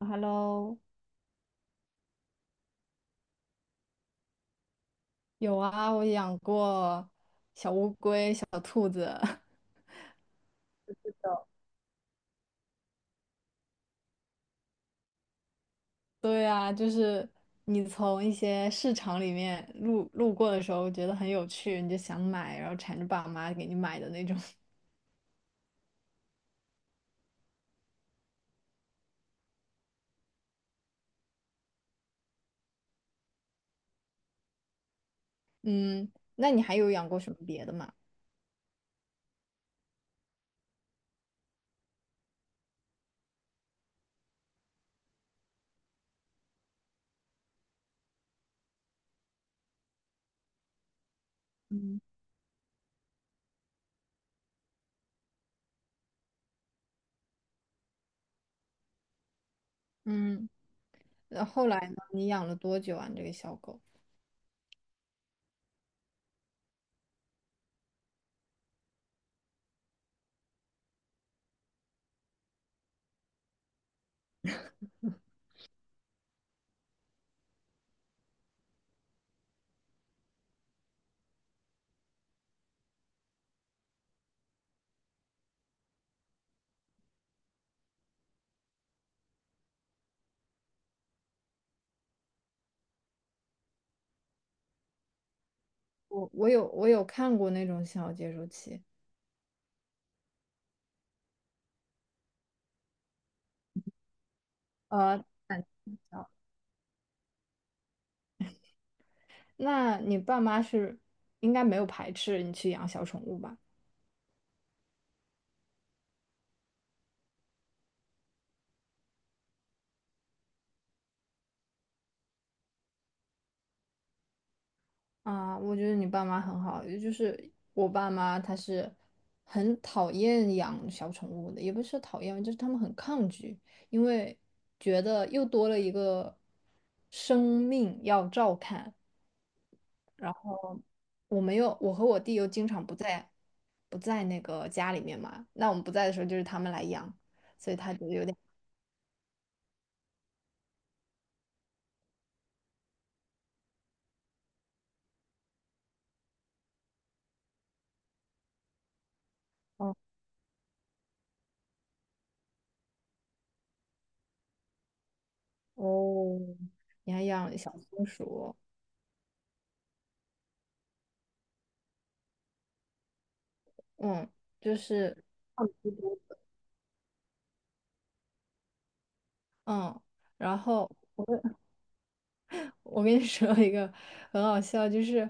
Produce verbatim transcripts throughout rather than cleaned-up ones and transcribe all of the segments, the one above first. Hello，有啊，我养过小乌龟、小兔子。对啊，就是你从一些市场里面路路过的时候，觉得很有趣，你就想买，然后缠着爸妈给你买的那种。嗯，那你还有养过什么别的吗？嗯嗯，那后来呢？你养了多久啊？你这个小狗？我我有我有看过那种小接收器，呃，感觉挺小，那你爸妈是应该没有排斥你去养小宠物吧？啊，我觉得你爸妈很好，也就是我爸妈他是很讨厌养小宠物的，也不是讨厌，就是他们很抗拒，因为觉得又多了一个生命要照看。我没有，我和我弟又经常不在，不在那个家里面嘛，那我们不在的时候就是他们来养，所以他就有点，哦哦，你还养小松鼠，嗯，就是嗯，然后。我跟你 说一个很好笑，就是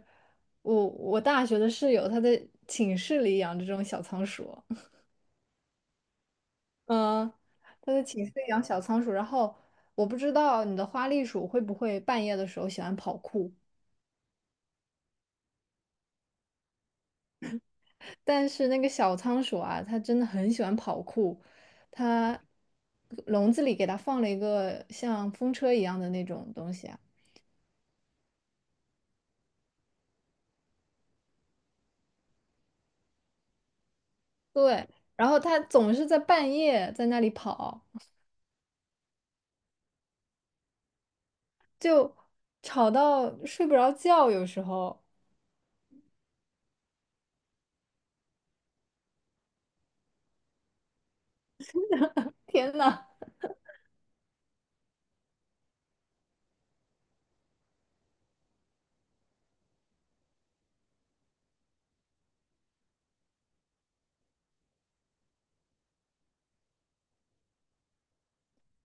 我我大学的室友，她在寝室里养这种小仓鼠，嗯，她在寝室里养小仓鼠，然后我不知道你的花栗鼠会不会半夜的时候喜欢跑酷，但是那个小仓鼠啊，它真的很喜欢跑酷，它笼子里给它放了一个像风车一样的那种东西啊，对，然后它总是在半夜在那里跑。就吵到睡不着觉，有时候，天呐，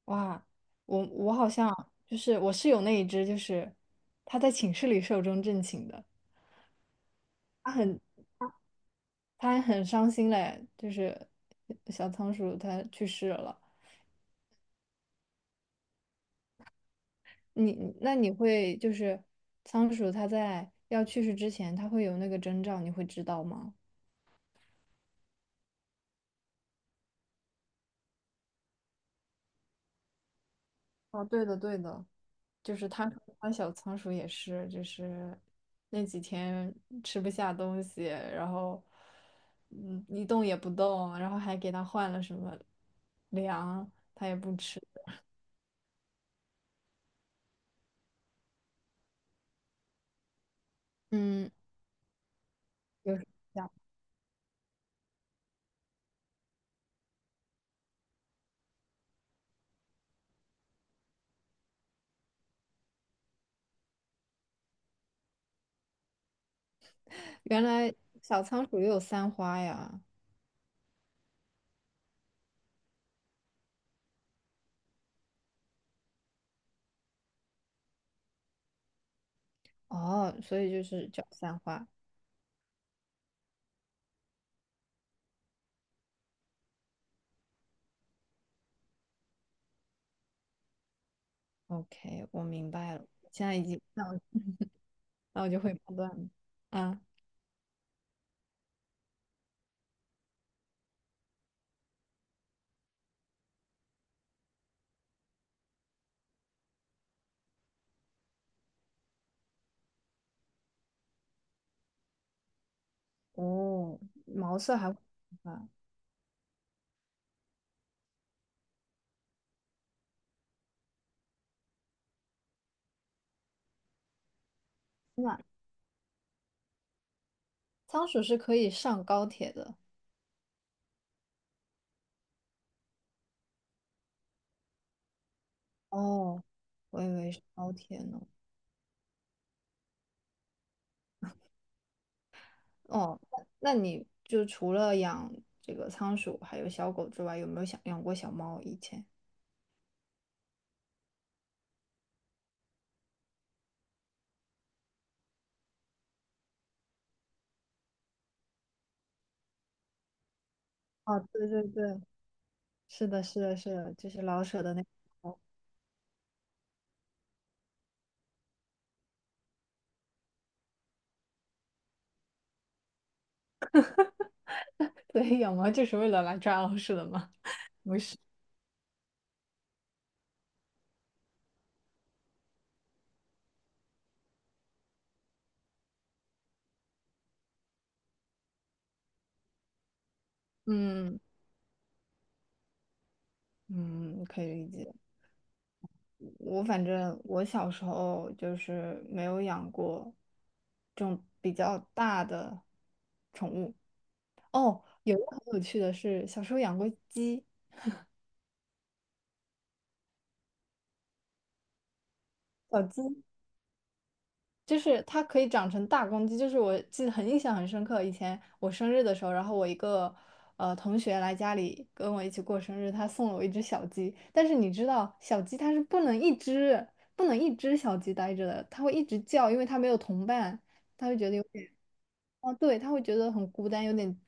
哇，我我好像就是我室友那一只，就是他在寝室里寿终正寝的，他很他还很伤心嘞，就是小仓鼠它去世了。你那你会就是仓鼠它在要去世之前，它会有那个征兆，你会知道吗？哦，对的，对的，就是他说他小仓鼠也是，就是那几天吃不下东西，然后嗯一动也不动，然后还给他换了什么粮，他也不吃。嗯，有时候原来小仓鼠也有三花呀，哦，所以就是叫三花。OK，我明白了，现在已经那我那我就会判断了啊，哦，毛色还会啊。仓鼠是可以上高铁的。哦，我以为是高铁呢。哦，那那你就除了养这个仓鼠还有小狗之外，有没有想养过小猫？以前？哦，对对对，是的，是的，是的，就是老舍的那个猫。对，养猫就是为了来抓老鼠的嘛。嗯嗯，可以理解。我反正我小时候就是没有养过这种比较大的宠物，哦，有一个很有趣的是，小时候养过鸡，小鸡就是它可以长成大公鸡，就是我记得很印象很深刻。以前我生日的时候，然后我一个呃同学来家里跟我一起过生日，他送了我一只小鸡。但是你知道，小鸡它是不能一只不能一只小鸡待着的，它会一直叫，因为它没有同伴，它会觉得有点，哦，对，它会觉得很孤单，有点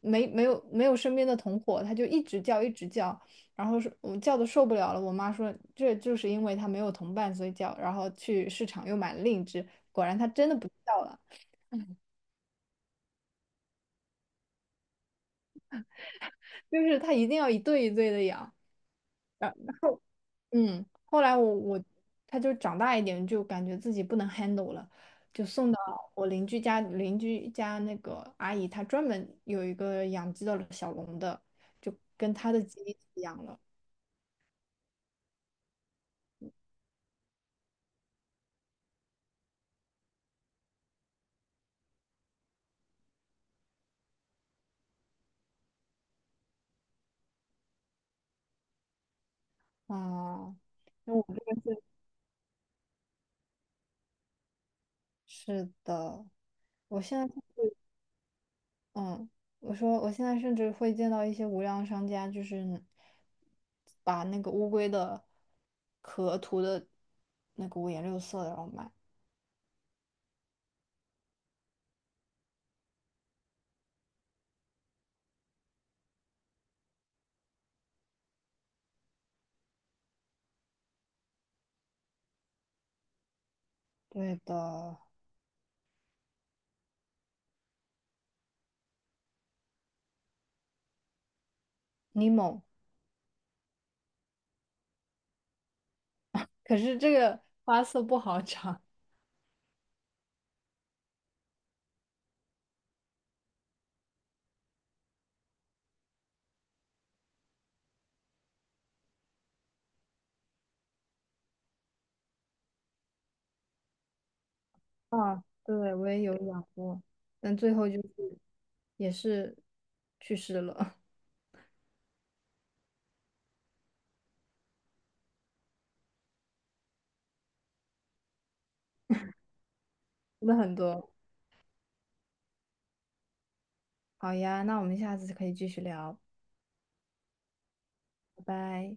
没没有没有身边的同伙，他就一直叫一直叫，然后是我叫的受不了了，我妈说这就是因为他没有同伴所以叫，然后去市场又买了另一只，果然它真的不叫了，就是它一定要一对一对的养，然嗯，后来我我它就长大一点，就感觉自己不能 handle 了，就送到我邻居家，邻居家那个阿姨她专门有一个养鸡的小笼的，就跟她的鸡一起养了，哦。是的，我现在，嗯，我说我现在甚至会见到一些无良商家，就是把那个乌龟的壳涂的那个五颜六色的，然后卖。对的，尼莫，可是这个花色不好长。啊，对，我也有养过，但最后就是也是去世了，真的很多。好呀，那我们下次可以继续聊，拜拜。